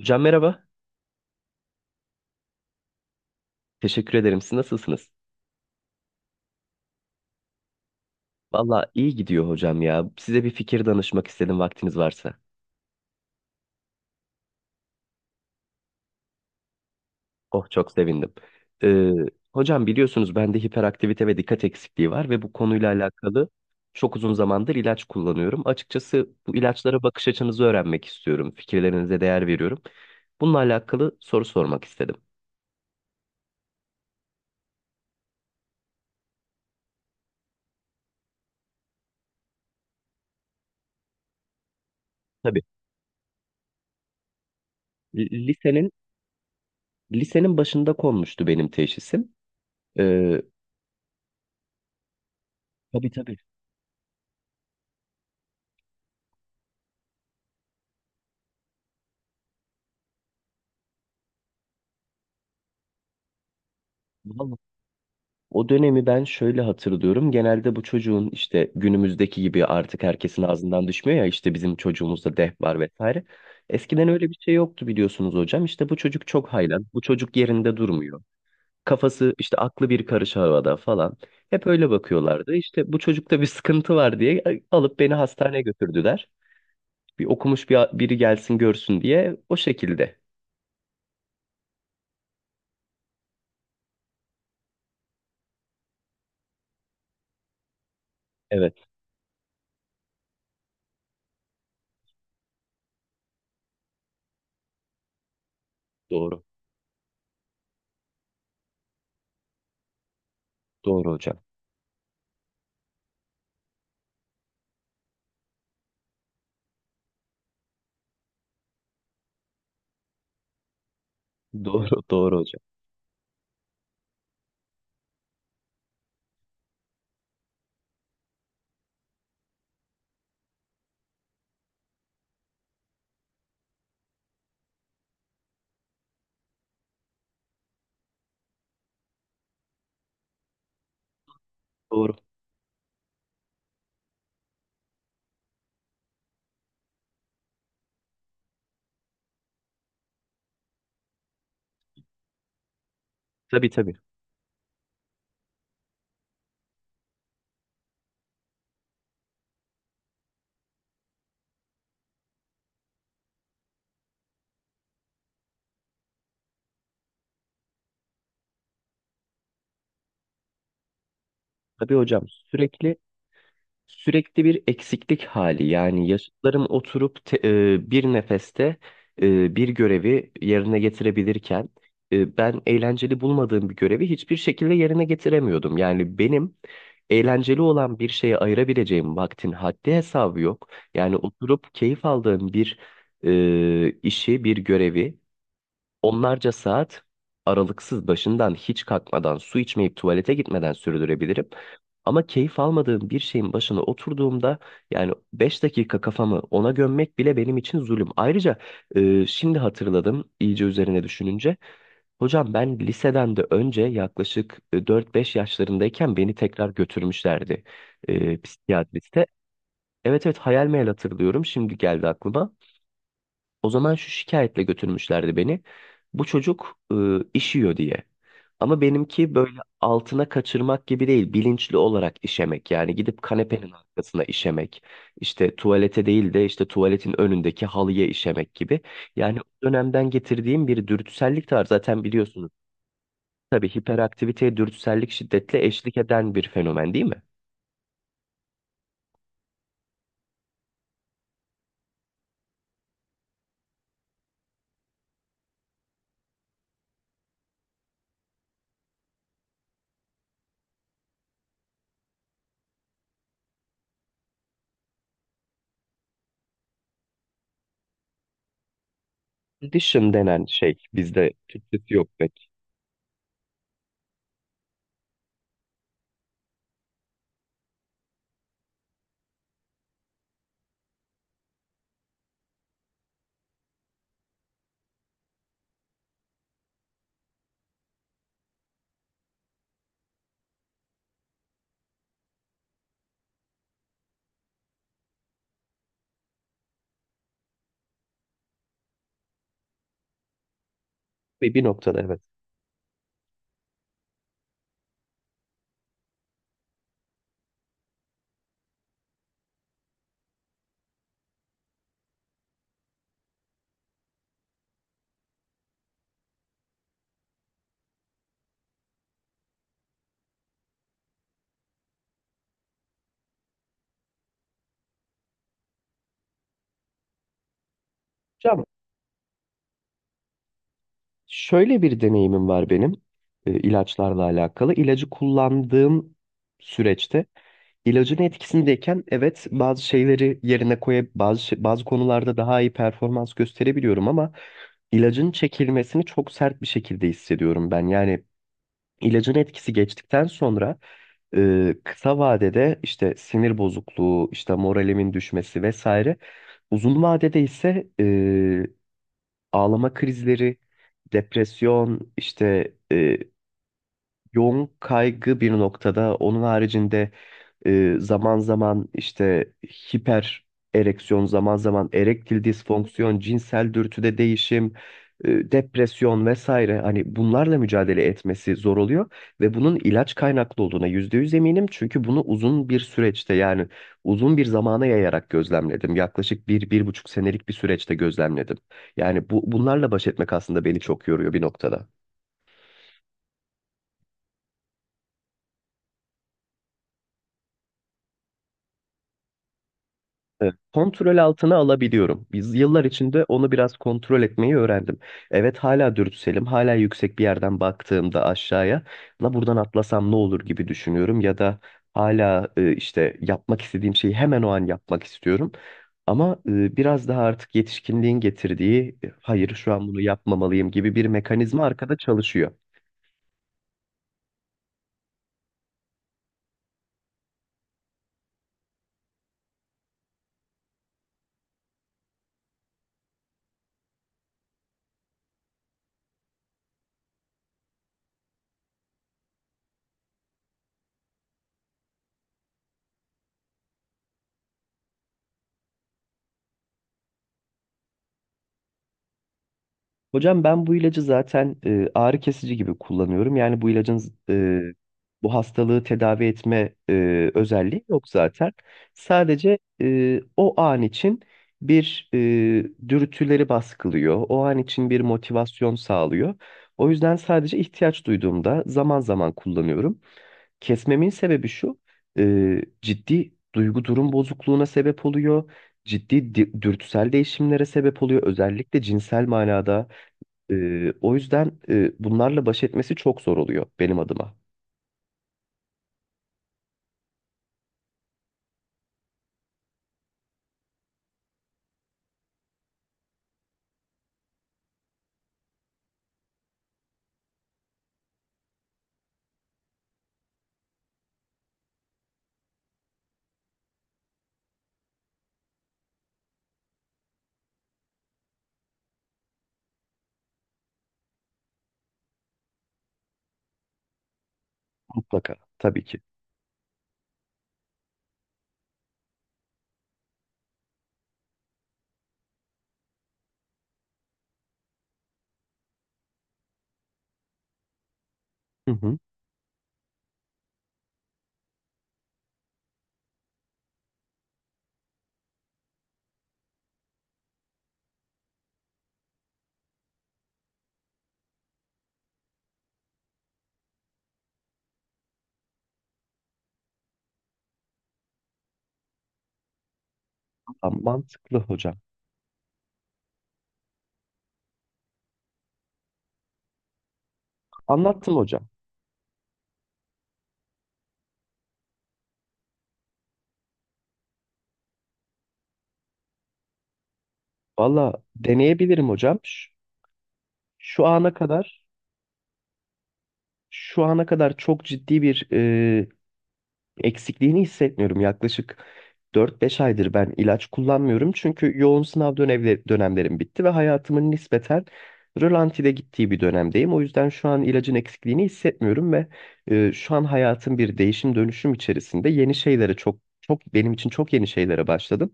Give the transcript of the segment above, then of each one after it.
Hocam merhaba. Teşekkür ederim. Siz nasılsınız? Valla iyi gidiyor hocam ya. Size bir fikir danışmak istedim vaktiniz varsa. Oh çok sevindim. Ee, Hocam biliyorsunuz bende hiperaktivite ve dikkat eksikliği var ve bu konuyla alakalı çok uzun zamandır ilaç kullanıyorum. Açıkçası bu ilaçlara bakış açınızı öğrenmek istiyorum. Fikirlerinize değer veriyorum. Bununla alakalı soru sormak istedim. Tabii. L- Lisenin lisenin başında konmuştu benim teşhisim. Ee, tabii tabii. Vallahi o dönemi ben şöyle hatırlıyorum. Genelde bu çocuğun işte günümüzdeki gibi artık herkesin ağzından düşmüyor ya, işte bizim çocuğumuzda deh var vesaire. Eskiden öyle bir şey yoktu biliyorsunuz hocam. İşte bu çocuk çok haylan. Bu çocuk yerinde durmuyor. Kafası işte aklı bir karış havada falan. Hep öyle bakıyorlardı. İşte bu çocukta bir sıkıntı var diye alıp beni hastaneye götürdüler. Bir okumuş biri gelsin görsün diye o şekilde. Evet doğru. Doğru hocam. Doğru doğru hocam. Doğru. Tabii tabii. Tabii hocam, sürekli bir eksiklik hali. Yani yaşıtlarım oturup bir nefeste bir görevi yerine getirebilirken ben eğlenceli bulmadığım bir görevi hiçbir şekilde yerine getiremiyordum. Yani benim eğlenceli olan bir şeye ayırabileceğim vaktin haddi hesabı yok. Yani oturup keyif aldığım bir işi, bir görevi onlarca saat aralıksız başından hiç kalkmadan, su içmeyip tuvalete gitmeden sürdürebilirim. Ama keyif almadığım bir şeyin başına oturduğumda yani 5 dakika kafamı ona gömmek bile benim için zulüm. Ayrıca şimdi hatırladım iyice üzerine düşününce. Hocam ben liseden de önce yaklaşık 4-5 yaşlarındayken beni tekrar götürmüşlerdi psikiyatriste. Evet evet, hayal meyal hatırlıyorum, şimdi geldi aklıma. O zaman şu şikayetle götürmüşlerdi beni. Bu çocuk işiyor diye. Ama benimki böyle altına kaçırmak gibi değil, bilinçli olarak işemek. Yani gidip kanepenin arkasına işemek, İşte tuvalete değil de işte tuvaletin önündeki halıya işemek gibi. Yani o dönemden getirdiğim bir dürtüsellik de var zaten biliyorsunuz. Tabii hiperaktiviteye dürtüsellik şiddetle eşlik eden bir fenomen değil mi? Dışım denen şey, bizde Türkçesi yok pek. Ve bir noktada evet. Hocam şöyle bir deneyimim var benim, ilaçlarla alakalı. İlacı kullandığım süreçte ilacın etkisindeyken, evet, bazı şeyleri yerine koyup bazı konularda daha iyi performans gösterebiliyorum ama ilacın çekilmesini çok sert bir şekilde hissediyorum ben. Yani ilacın etkisi geçtikten sonra kısa vadede işte sinir bozukluğu, işte moralimin düşmesi vesaire. Uzun vadede ise ağlama krizleri, depresyon, işte yoğun kaygı bir noktada. Onun haricinde zaman zaman işte hiper ereksiyon, zaman zaman erektil disfonksiyon, cinsel dürtüde değişim, depresyon vesaire, hani bunlarla mücadele etmesi zor oluyor ve bunun ilaç kaynaklı olduğuna %100 eminim, çünkü bunu uzun bir süreçte, yani uzun bir zamana yayarak gözlemledim. Yaklaşık bir buçuk senelik bir süreçte gözlemledim. Yani bunlarla baş etmek aslında beni çok yoruyor bir noktada. Evet, kontrol altına alabiliyorum. Biz yıllar içinde onu biraz kontrol etmeyi öğrendim. Evet, hala dürtüselim, hala yüksek bir yerden baktığımda aşağıya, la buradan atlasam ne olur gibi düşünüyorum, ya da hala işte yapmak istediğim şeyi hemen o an yapmak istiyorum. Ama biraz daha artık yetişkinliğin getirdiği, hayır şu an bunu yapmamalıyım gibi bir mekanizma arkada çalışıyor. Hocam ben bu ilacı zaten ağrı kesici gibi kullanıyorum. Yani bu ilacın e, bu hastalığı tedavi etme özelliği yok zaten. Sadece o an için bir dürtüleri baskılıyor. O an için bir motivasyon sağlıyor. O yüzden sadece ihtiyaç duyduğumda zaman zaman kullanıyorum. Kesmemin sebebi şu, ciddi duygu durum bozukluğuna sebep oluyor. Ciddi dürtüsel değişimlere sebep oluyor. Özellikle cinsel manada. O yüzden bunlarla baş etmesi çok zor oluyor benim adıma. Mutlaka. Tabii ki. Hı hı. Tam mantıklı hocam. Anlattım hocam. Valla deneyebilirim hocam. Şu ana kadar şu ana kadar çok ciddi bir eksikliğini hissetmiyorum. Yaklaşık 4-5 aydır ben ilaç kullanmıyorum. Çünkü yoğun sınav dönemlerim bitti ve hayatımın nispeten rölantide gittiği bir dönemdeyim. O yüzden şu an ilacın eksikliğini hissetmiyorum ve şu an hayatım bir değişim dönüşüm içerisinde, yeni şeylere, çok çok benim için çok yeni şeylere başladım.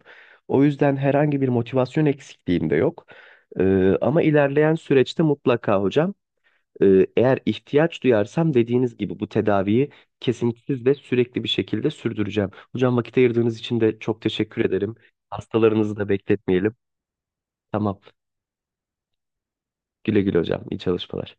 O yüzden herhangi bir motivasyon eksikliğim de yok. E, ama ilerleyen süreçte mutlaka hocam, eğer ihtiyaç duyarsam dediğiniz gibi bu tedaviyi kesintisiz ve sürekli bir şekilde sürdüreceğim. Hocam vakit ayırdığınız için de çok teşekkür ederim. Hastalarınızı da bekletmeyelim. Tamam. Güle güle hocam. İyi çalışmalar.